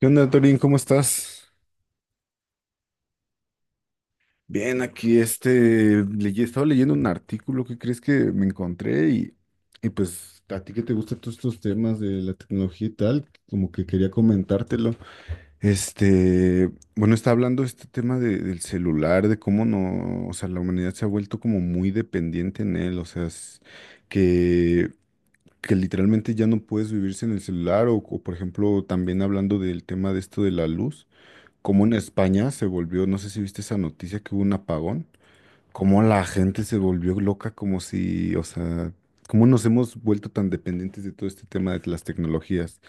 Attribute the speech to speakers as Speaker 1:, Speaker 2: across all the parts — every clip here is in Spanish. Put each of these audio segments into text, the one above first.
Speaker 1: ¿Qué onda, Torín? ¿Cómo estás? Bien, aquí estaba leyendo un artículo que crees que me encontré y pues a ti que te gustan todos estos temas de la tecnología y tal, como que quería comentártelo. Este, bueno, está hablando este tema del celular, de cómo no, o sea, la humanidad se ha vuelto como muy dependiente en él, o sea, que, que literalmente ya no puedes vivir sin el celular o, por ejemplo, también hablando del tema de esto de la luz. Como en España se volvió, no sé si viste esa noticia que hubo un apagón, como la gente se volvió loca, como si, o sea, cómo nos hemos vuelto tan dependientes de todo este tema de las tecnologías.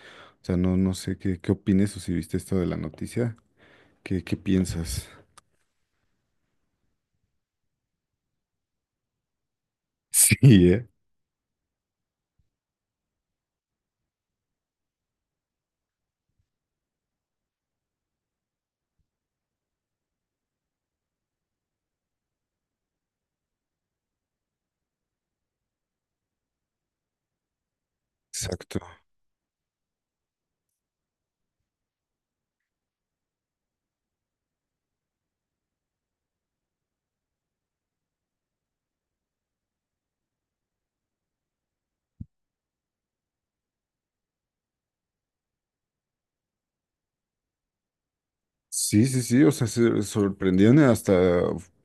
Speaker 1: O sea, no sé qué opines o si viste esto de la noticia, qué piensas. Sí, ¿eh? Exacto. Sí, sí, sí, o sea, se sorprendieron hasta,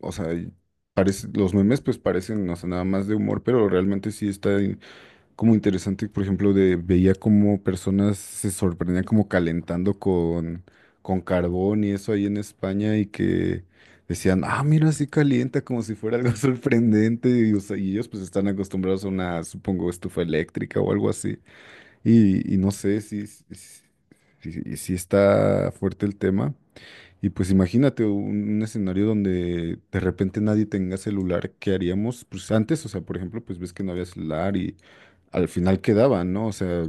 Speaker 1: o sea, y parece, los memes pues parecen, o sea, nada más de humor, pero realmente sí está como interesante, por ejemplo, de veía como personas se sorprendían como calentando con carbón y eso ahí en España y que decían, ah, mira, así calienta como si fuera algo sorprendente y, o sea, y ellos pues están acostumbrados a una, supongo, estufa eléctrica o algo así. Y no sé si si está fuerte el tema. Y pues imagínate un escenario donde de repente nadie tenga celular, ¿qué haríamos? Pues antes, o sea, por ejemplo, pues ves que no había celular y al final quedaban, ¿no? O sea,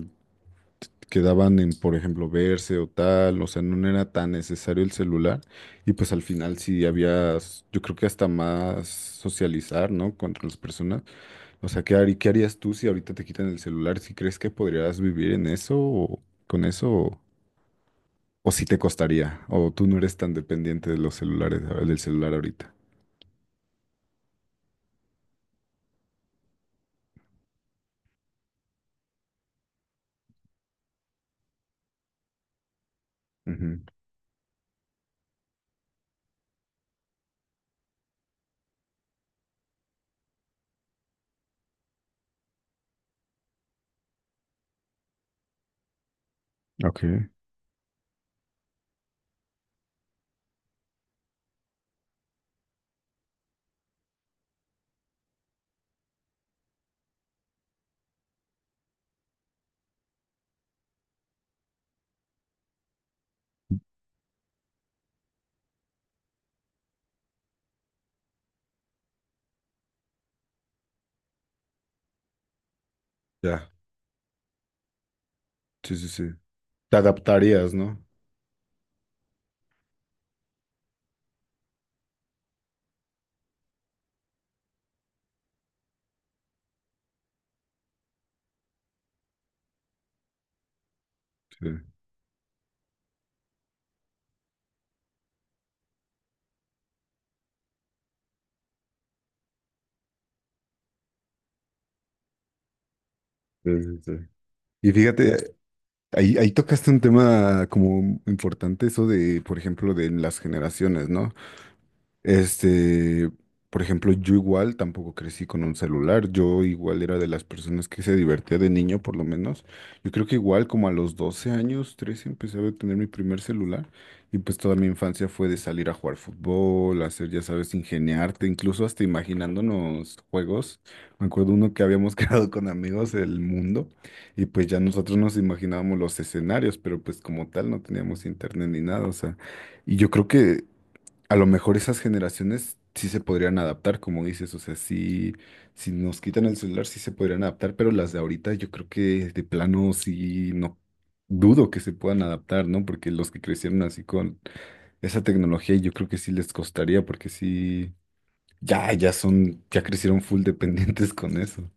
Speaker 1: quedaban en, por ejemplo, verse o tal, o sea, no era tan necesario el celular y pues al final sí había, yo creo que hasta más socializar, ¿no? Con las personas. O sea, ¿qué harías tú si ahorita te quitan el celular? ¿Si crees que podrías vivir en eso o con eso? O si te costaría, o tú no eres tan dependiente de los celulares, del celular ahorita. Ujú. Ok. Ya, sí, sí, sí. Te adaptarías, ¿no? Sí, sí, sí, sí. Y fíjate, ahí tocaste un tema como importante, eso de, por ejemplo, de las generaciones, ¿no? Este, por ejemplo, yo igual tampoco crecí con un celular, yo igual era de las personas que se divertía de niño por lo menos. Yo creo que igual como a los 12 años, 13 empecé a tener mi primer celular y pues toda mi infancia fue de salir a jugar fútbol, hacer, ya sabes, ingeniarte, incluso hasta imaginándonos juegos. Me acuerdo uno que habíamos creado con amigos, el mundo, y pues ya nosotros nos imaginábamos los escenarios, pero pues como tal no teníamos internet ni nada, o sea, y yo creo que... A lo mejor esas generaciones sí se podrían adaptar, como dices, o sea, sí, si nos quitan el celular sí se podrían adaptar, pero las de ahorita yo creo que de plano sí no dudo que se puedan adaptar, ¿no? Porque los que crecieron así con esa tecnología yo creo que sí les costaría, porque sí, ya crecieron full dependientes con eso.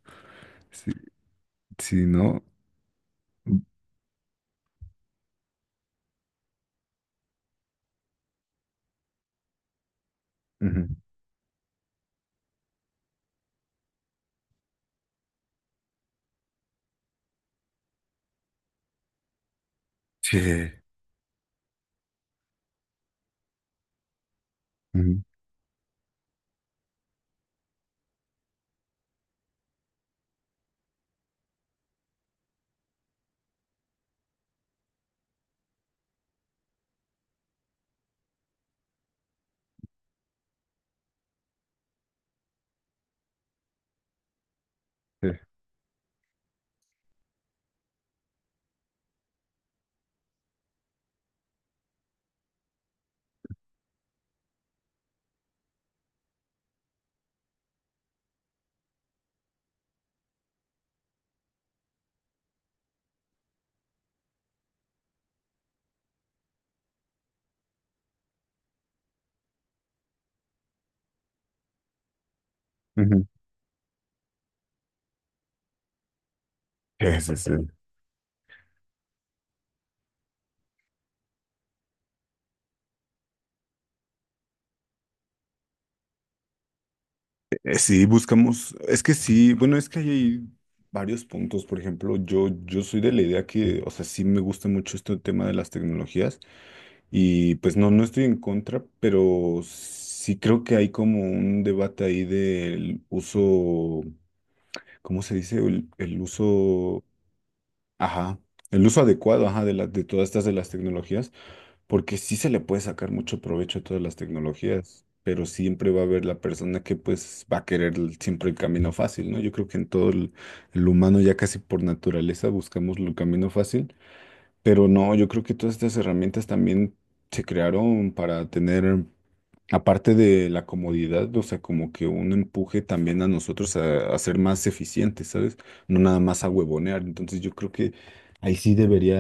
Speaker 1: Sí, sí, ¿no? Ujú. Sí. Ujú. Sí. Ujú. Sí, sí, sí. Sí, buscamos, es que sí, bueno, es que ahí hay varios puntos, por ejemplo, yo soy de la idea que, o sea, sí me gusta mucho este tema de las tecnologías y pues no estoy en contra, pero sí creo que hay como un debate ahí del uso, ¿cómo se dice? El uso, ajá, el uso adecuado, ajá, de todas estas de las tecnologías porque sí se le puede sacar mucho provecho a todas las tecnologías, pero siempre va a haber la persona que pues va a querer siempre el camino fácil, ¿no? Yo creo que en todo el humano ya casi por naturaleza buscamos el camino fácil, pero no, yo creo que todas estas herramientas también se crearon para tener aparte de la comodidad, o sea, como que un empuje también a nosotros a ser más eficientes, ¿sabes? No nada más a huevonear. Entonces yo creo que ahí sí debería,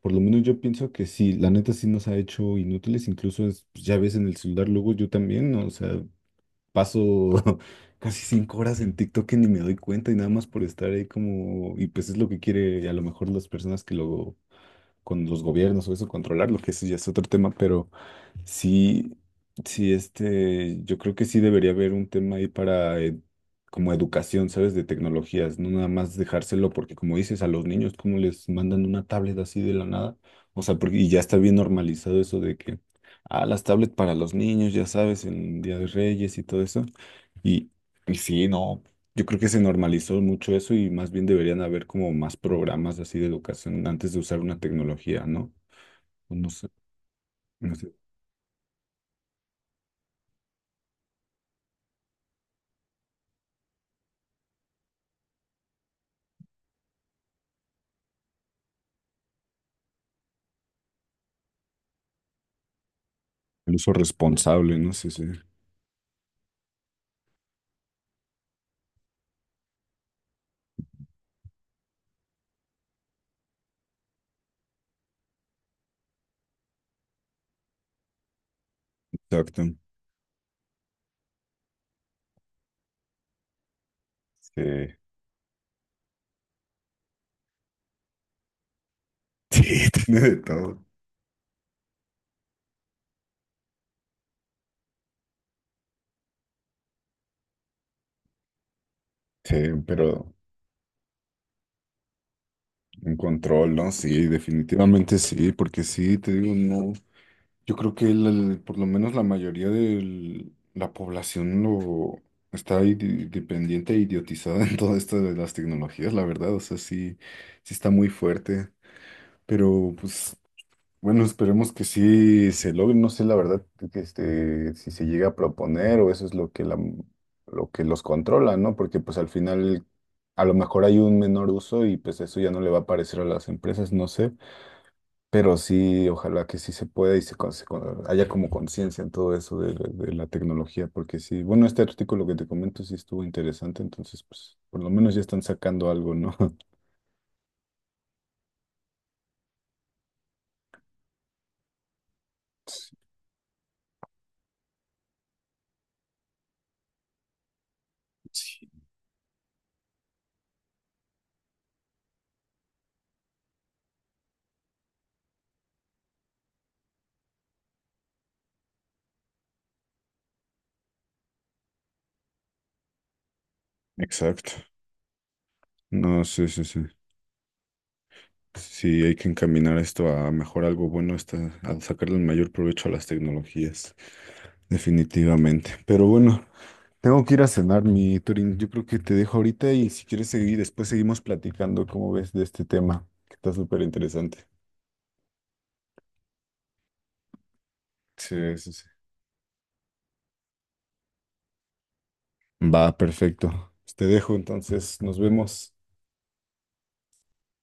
Speaker 1: por lo menos yo pienso que sí, la neta sí nos ha hecho inútiles, incluso pues, ya ves en el celular luego yo también, ¿no? O sea, paso casi 5 horas en TikTok que ni me doy cuenta y nada más por estar ahí como, y pues es lo que quiere a lo mejor las personas que luego, con los gobiernos o eso, controlar, lo que eso ya es otro tema, pero... Sí, sí, este, yo creo que sí debería haber un tema ahí para como educación, ¿sabes? De tecnologías, no nada más dejárselo, porque como dices, a los niños, como les mandan una tablet así de la nada? O sea, porque y ya está bien normalizado eso de que, ah, las tablets para los niños, ya sabes, en Día de Reyes y todo eso. Y, y sí, no, yo creo que se normalizó mucho eso y más bien deberían haber como más programas así de educación antes de usar una tecnología, ¿no? No sé, no sé. El uso responsable, ¿no? Sé, sí, sí. Exacto. Sí, sí, tiene de todo. Sí, pero un control, ¿no? Sí, definitivamente sí, porque sí, te digo, no. Yo creo que por lo menos la mayoría de la población lo está ahí dependiente e idiotizada en todo esto de las tecnologías, la verdad. O sea, sí, sí está muy fuerte. Pero pues bueno, esperemos que sí se logre. No sé la verdad que este, si se llega a proponer o eso es lo que lo que los controla, ¿no? Porque pues al final a lo mejor hay un menor uso y pues eso ya no le va a parecer a las empresas, no sé. Pero sí, ojalá que sí se pueda y se, haya como conciencia en todo eso de la tecnología, porque sí, bueno, este artículo que te comento sí estuvo interesante, entonces pues por lo menos ya están sacando algo, ¿no? Sí. Exacto. No, sí, sí, sí. Sí, hay que encaminar esto a mejor algo bueno, está, a sacarle el mayor provecho a las tecnologías, definitivamente. Pero bueno, tengo que ir a cenar, mi Turín. Yo creo que te dejo ahorita y si quieres seguir, después seguimos platicando, ¿cómo ves de este tema? Que está súper interesante. Sí, sí, sí. Va, perfecto. Pues te dejo, entonces, nos vemos.